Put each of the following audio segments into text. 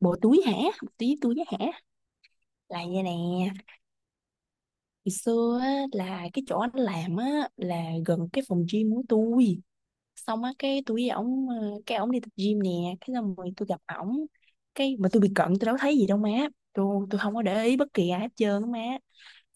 Bộ túi hả? Bộ túi túi hả? Là vậy nè. Ngày xưa á, là cái chỗ anh làm á là gần cái phòng gym của tôi. Xong á cái tôi với ổng cái ổng đi tập gym nè. Cái xong rồi tôi gặp ổng. Cái mà tôi bị cận tôi đâu thấy gì đâu má. Tôi không có để ý bất kỳ ai hết trơn á má.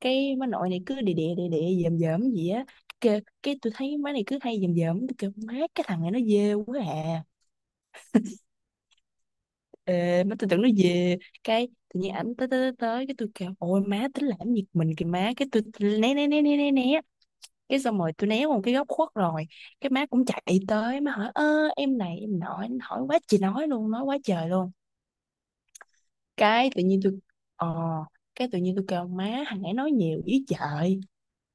Cái má nội này cứ đè đè đè đè dòm dòm gì á. Cái tôi thấy má này cứ hay dòm dòm, tôi kêu má cái thằng này nó ghê quá à. Ê, má tôi tưởng nó về. Cái tự nhiên ảnh tới tới tới tới, cái tôi kêu ôi má tính làm việc mình kìa má, cái tôi né né né né né né. Cái xong rồi tôi né qua một cái góc khuất rồi. Cái má cũng chạy tới, má hỏi ơ em này em, nói hỏi quá chị nói luôn, nói quá trời luôn. Cái tự nhiên tôi ờ cái tự nhiên tôi kêu má, thằng ấy nói nhiều ý trời.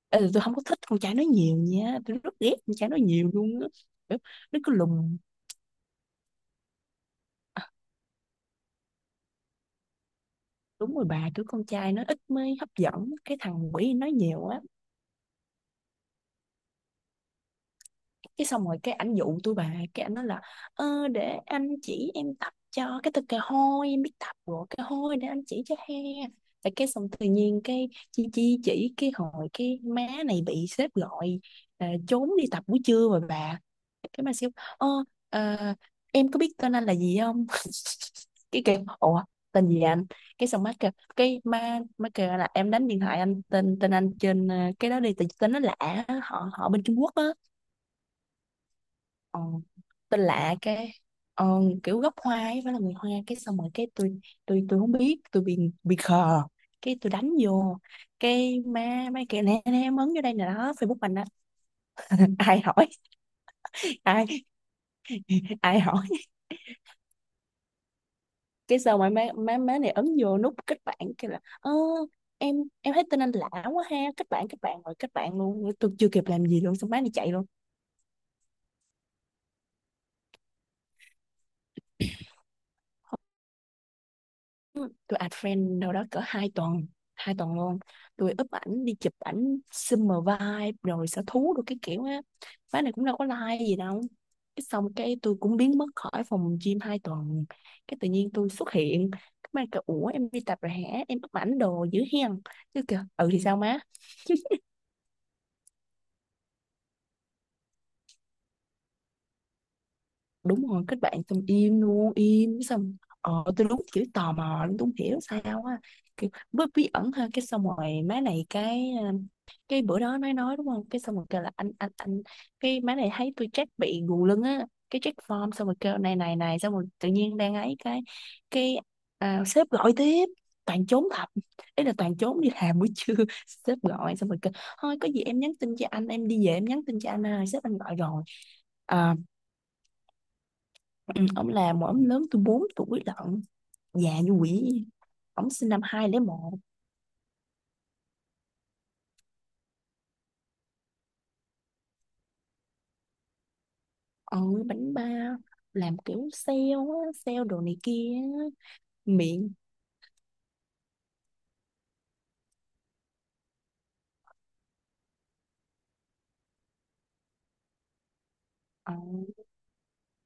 Ê, tôi không có thích con trai nói nhiều nha, tôi rất ghét con trai nói nhiều luôn á. Kiểu, nó cứ lùng. Đúng rồi bà, kiểu con trai nó ít mới hấp dẫn, cái thằng quỷ nói nhiều á. Cái xong rồi cái ảnh dụ tôi bà, cái ảnh nói là để anh chỉ em tập cho, cái tôi kêu hôi em biết tập rồi, cái hôi để anh chỉ cho he. Tại cái xong tự nhiên cái chi chi chỉ cái hồi cái má này bị sếp gọi. À, trốn đi tập buổi trưa rồi bà. Cái mà siêu. ờ ờ, em có biết tên anh là gì không? Cái kêu ủa tên gì anh? Cái xong má kêu, cái má má kêu là em đánh điện thoại anh, tên tên anh trên cái đó đi, tại tên nó lạ á, họ họ bên Trung Quốc á. ờ, Tên lạ cái. ờ, Kiểu gốc Hoa ấy, phải là người Hoa. Cái xong rồi cái tôi, tôi không biết, tôi bị khờ. Cái tôi đánh vô, cái má mấy kia nè nè, em ấn vô đây nè đó Facebook mình đó. Ai hỏi? Ai? Ai hỏi? Cái xong rồi má má má này ấn vô nút kết bạn, cái là ơ em em thấy tên anh lạ quá ha, kết bạn rồi kết bạn luôn, tôi chưa kịp làm gì luôn, xong má này chạy luôn. Tôi add friend đâu đó cỡ hai tuần, hai tuần luôn. Tôi úp ảnh đi chụp ảnh summer vibe rồi sở thú rồi cái kiểu á. Má này cũng đâu có like gì đâu. Cái xong cái tôi cũng biến mất khỏi phòng gym hai tuần. Cái tự nhiên tôi xuất hiện, cái má kêu ủa em đi tập rồi hả, em úp ảnh đồ dữ hen. Chứ kìa, ừ thì sao má. Đúng rồi, kết bạn xong im luôn, im xong. Ờ, tôi đúng kiểu tò mò luôn, tôi không hiểu sao á, kiểu bí bí ẩn ha. Cái xong rồi má này cái cái bữa đó nói đúng không, cái xong rồi kêu là anh, cái má này thấy tôi check bị gù lưng á, cái check form xong rồi kêu này này này, xong rồi tự nhiên đang ấy cái à, sếp gọi tiếp. Toàn trốn thật, ý là toàn trốn đi làm buổi trưa. Sếp gọi xong rồi kêu thôi có gì em nhắn tin cho anh, em đi về em nhắn tin cho anh, à sếp anh gọi rồi. ờ, Ừ, ông là một ông lớn, tôi 4 tuổi lận. Già như quỷ. Ông sinh năm 2001. Ừ, bánh ba, làm kiểu sale á, sale đồ này kia á. Miệng, ờ,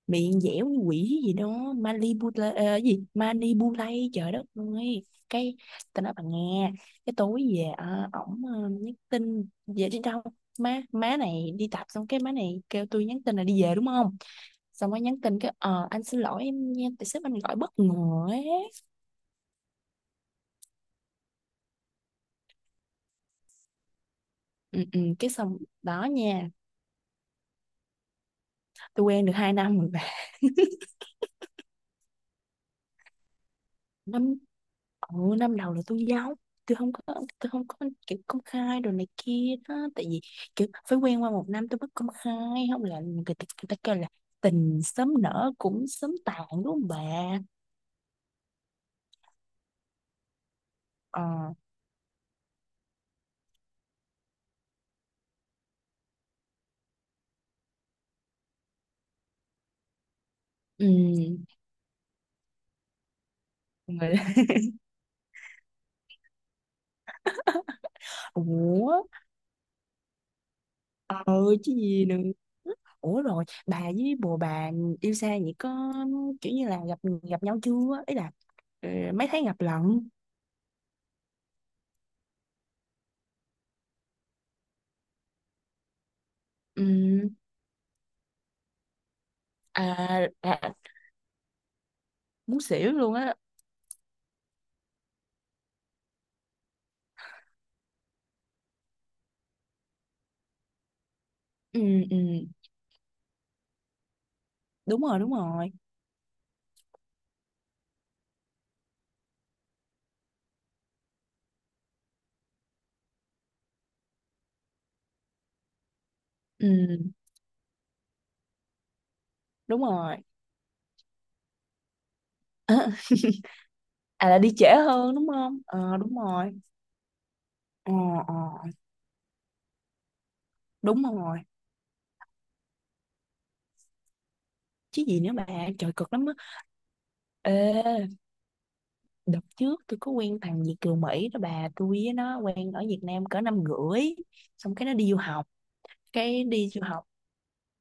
miệng dẻo như quỷ gì đó, Manipula gì Manipulay trời đất ơi. Cái tao nói bà nghe, cái tối về ổng nhắn tin về đi đâu. Má má này đi tập xong cái má này kêu tôi nhắn tin là đi về đúng không, xong mới nhắn tin cái ờ anh xin lỗi em nha, tại sếp anh gọi bất ngờ ấy. Ừ, ừ, cái xong. Đó nha, tôi quen được 2 năm rồi bà. Năm, ừ, năm đầu là tôi giấu, tôi không có tôi không có kiểu công khai đồ này kia đó. Tại vì kiểu phải quen qua một năm tôi mới công khai, không là người ta kêu là tình sớm nở cũng sớm tàn đúng không bà. Ờ. Ừ. Người. Ủa, ờ, chứ gì nữa. Ủa rồi bà với bồ bà yêu xa vậy có kiểu như là gặp gặp nhau chưa, ý là, ừ, mấy tháng gặp lận. Ừ, à, à, muốn xỉu luôn á. Ừ, ừ, đúng rồi đúng rồi. Ừ, đúng rồi. À là đi trễ hơn đúng không, ờ đúng rồi. Ờ. Ờ đúng rồi, chứ gì nữa bà. Trời cực lắm á. Ê đợt trước tôi có quen thằng Việt kiều Mỹ đó bà, tôi với nó quen ở Việt Nam cỡ năm rưỡi, xong cái nó đi du học. Cái đi du học,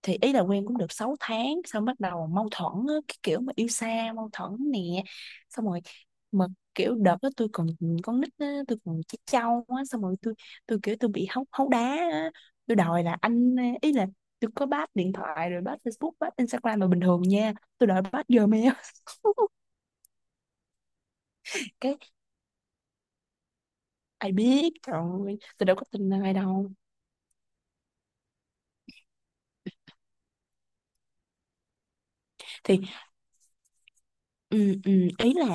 thì ý là quen cũng được 6 tháng xong bắt đầu mâu thuẫn á, cái kiểu mà yêu xa mâu thuẫn nè. Xong rồi mà kiểu đợt đó tôi còn con nít á, tôi còn trẻ trâu á, xong rồi tôi kiểu tôi bị hấu hấu đá á. Tôi đòi là anh, ý là tôi có bắt điện thoại rồi bắt Facebook bắt Instagram mà bình thường nha, tôi đòi bắt Gmail. Cái ai biết, trời ơi tôi đâu có tin ai đâu. Thì ừ, ừ, ý là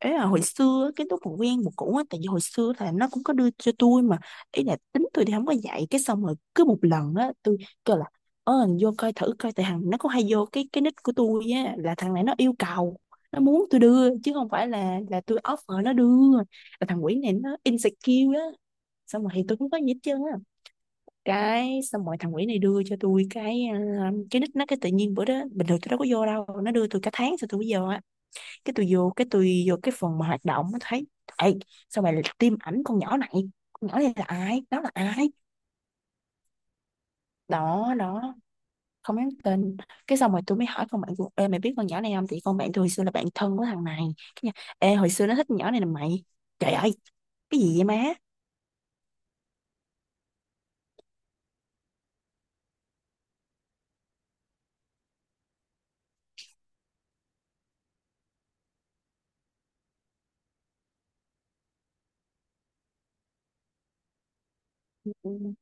ấy là hồi xưa á, cái lúc mà quen một cũ á, tại vì hồi xưa là nó cũng có đưa cho tôi mà, ý là tính tôi thì không có dạy. Cái xong rồi cứ một lần á tôi kêu là ờ thằng vô coi thử coi, tại thằng nó cũng hay vô cái nick của tôi á, là thằng này nó yêu cầu, nó muốn tôi đưa chứ không phải là tôi offer nó đưa. Là thằng quỷ này nó insecure á, xong rồi thì tôi cũng có gì hết trơn á. Cái xong rồi thằng quỷ này đưa cho tôi cái ờ, cái nick nó, cái tự nhiên bữa đó bình thường tôi đâu có vô đâu, nó đưa tôi cả tháng sau tôi mới vô á. Cái tôi vô cái phần mà hoạt động, nó thấy. Ê, sao mày tiêm ảnh con nhỏ này, con nhỏ này là ai, nó là ai? Đó đó, không nhắn tin. Cái xong rồi tôi mới hỏi con bạn của, ê mày biết con nhỏ này không, thì con bạn tôi hồi xưa là bạn thân của thằng này. Cái nhà, ê hồi xưa nó thích con nhỏ này là mày. Trời ơi, cái gì vậy má. Ừ.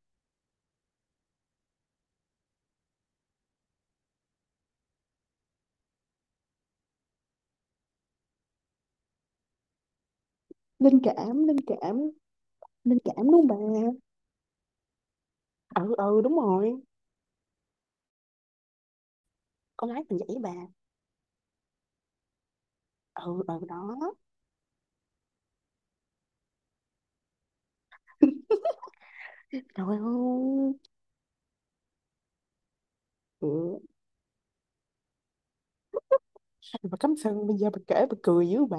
Linh cảm linh cảm, linh cảm đúng không bà. Ừ ừ đúng rồi, con gái mình vậy bà. Ừ ừ đó. Trời ơi. Ừ. Bà cắm sừng bây giờ bà kể bà cười dữ bà.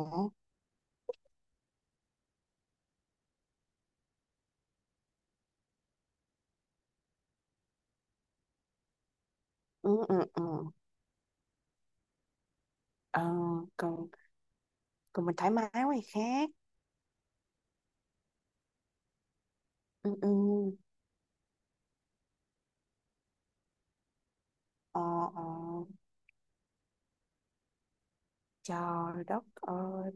Ừ ừ ừ. Ờ, còn, còn mình thoải mái quá thì khác. Ừ ừ. Ờ. Ờ. Trời đất ơi.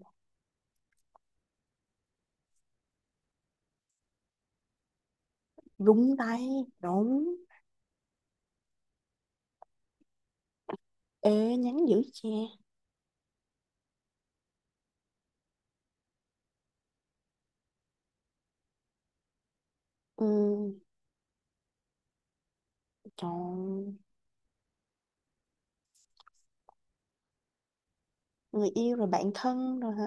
Đúng tay, đúng. Ê nhắn dữ cha. Ừ, trời, người yêu rồi bạn thân rồi hả?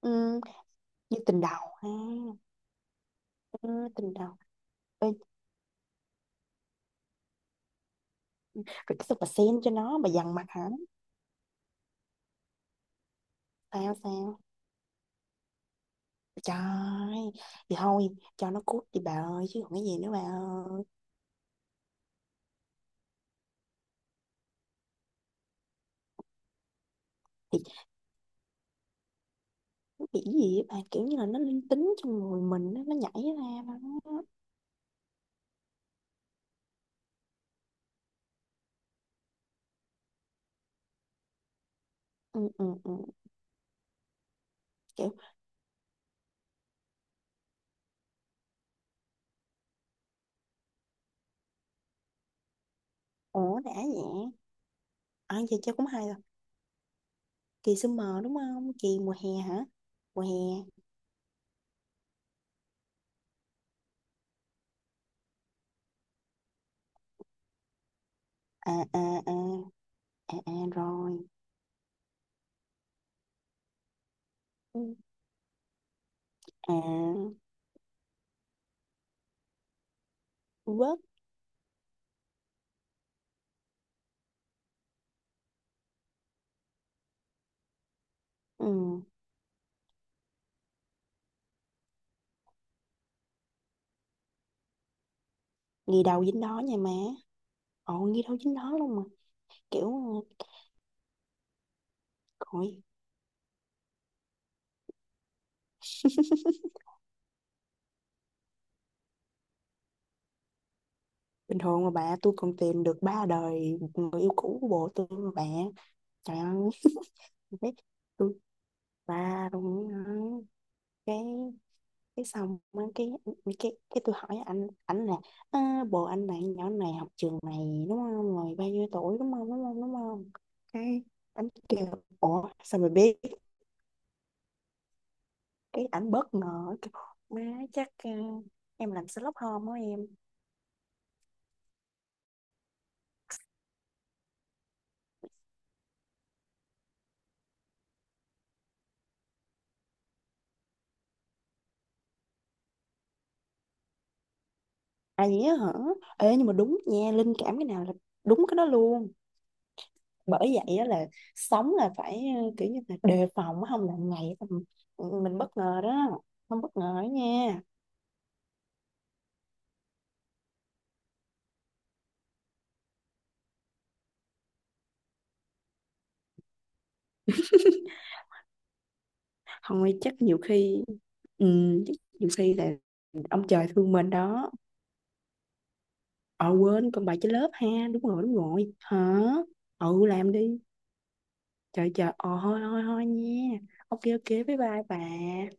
Ừ. Như tình đầu ha. Ừ, tình đầu. Ê rồi cái sao bà xem cho nó, bà dằn mặt hả? Sao sao? Trời. Thì thôi, cho nó cút đi bà ơi, chứ còn cái gì nữa bà ơi. Bị gì á bạn, kiểu như là nó linh tính trong người mình á, nó nhảy ra mà nó. Ừ, ừ, ừ. Kiểu. Ủa đã vậy. À giờ chơi cũng hay rồi. Kỳ summer đúng không, kỳ mùa hè hả, mùa hè. À. À à. À, à rồi. Ừ. À. Vớt. Ừ. Ngày đầu dính đó nha má. Ồ ngày đầu dính đó luôn mà. Kiểu. Coi. Bình thường mà bà, tôi còn tìm được ba đời người yêu cũ của bồ tôi mà bà. Trời ơi. Thế, tôi, và đúng rồi. cái cái xong mới cái, cái tôi hỏi anh là "Ờ, bồ anh bạn nhỏ này học trường này đúng không, rồi bao nhiêu tuổi, đúng không đúng không đúng không". Cái anh kêu ủa sao mày biết, cái ảnh bất ngờ kêu, má chắc ờ, em làm Sherlock Holmes đó em. À gì á hả. Ê nhưng mà đúng nha, linh cảm cái nào là đúng cái đó luôn. Bởi vậy á là sống là phải ờ, kiểu như là đề phòng á, không là ngày tầm- mình bất ngờ đó, không bất ngờ đó nha. Thôi chắc nhiều khi, ừ, chắc nhiều khi là ông trời thương mình đó. Ờ quên con bài trên lớp ha. Đúng rồi đúng rồi hả. Ừ làm đi. Trời trời ờ thôi thôi thôi nha. OK OK bye bye bà.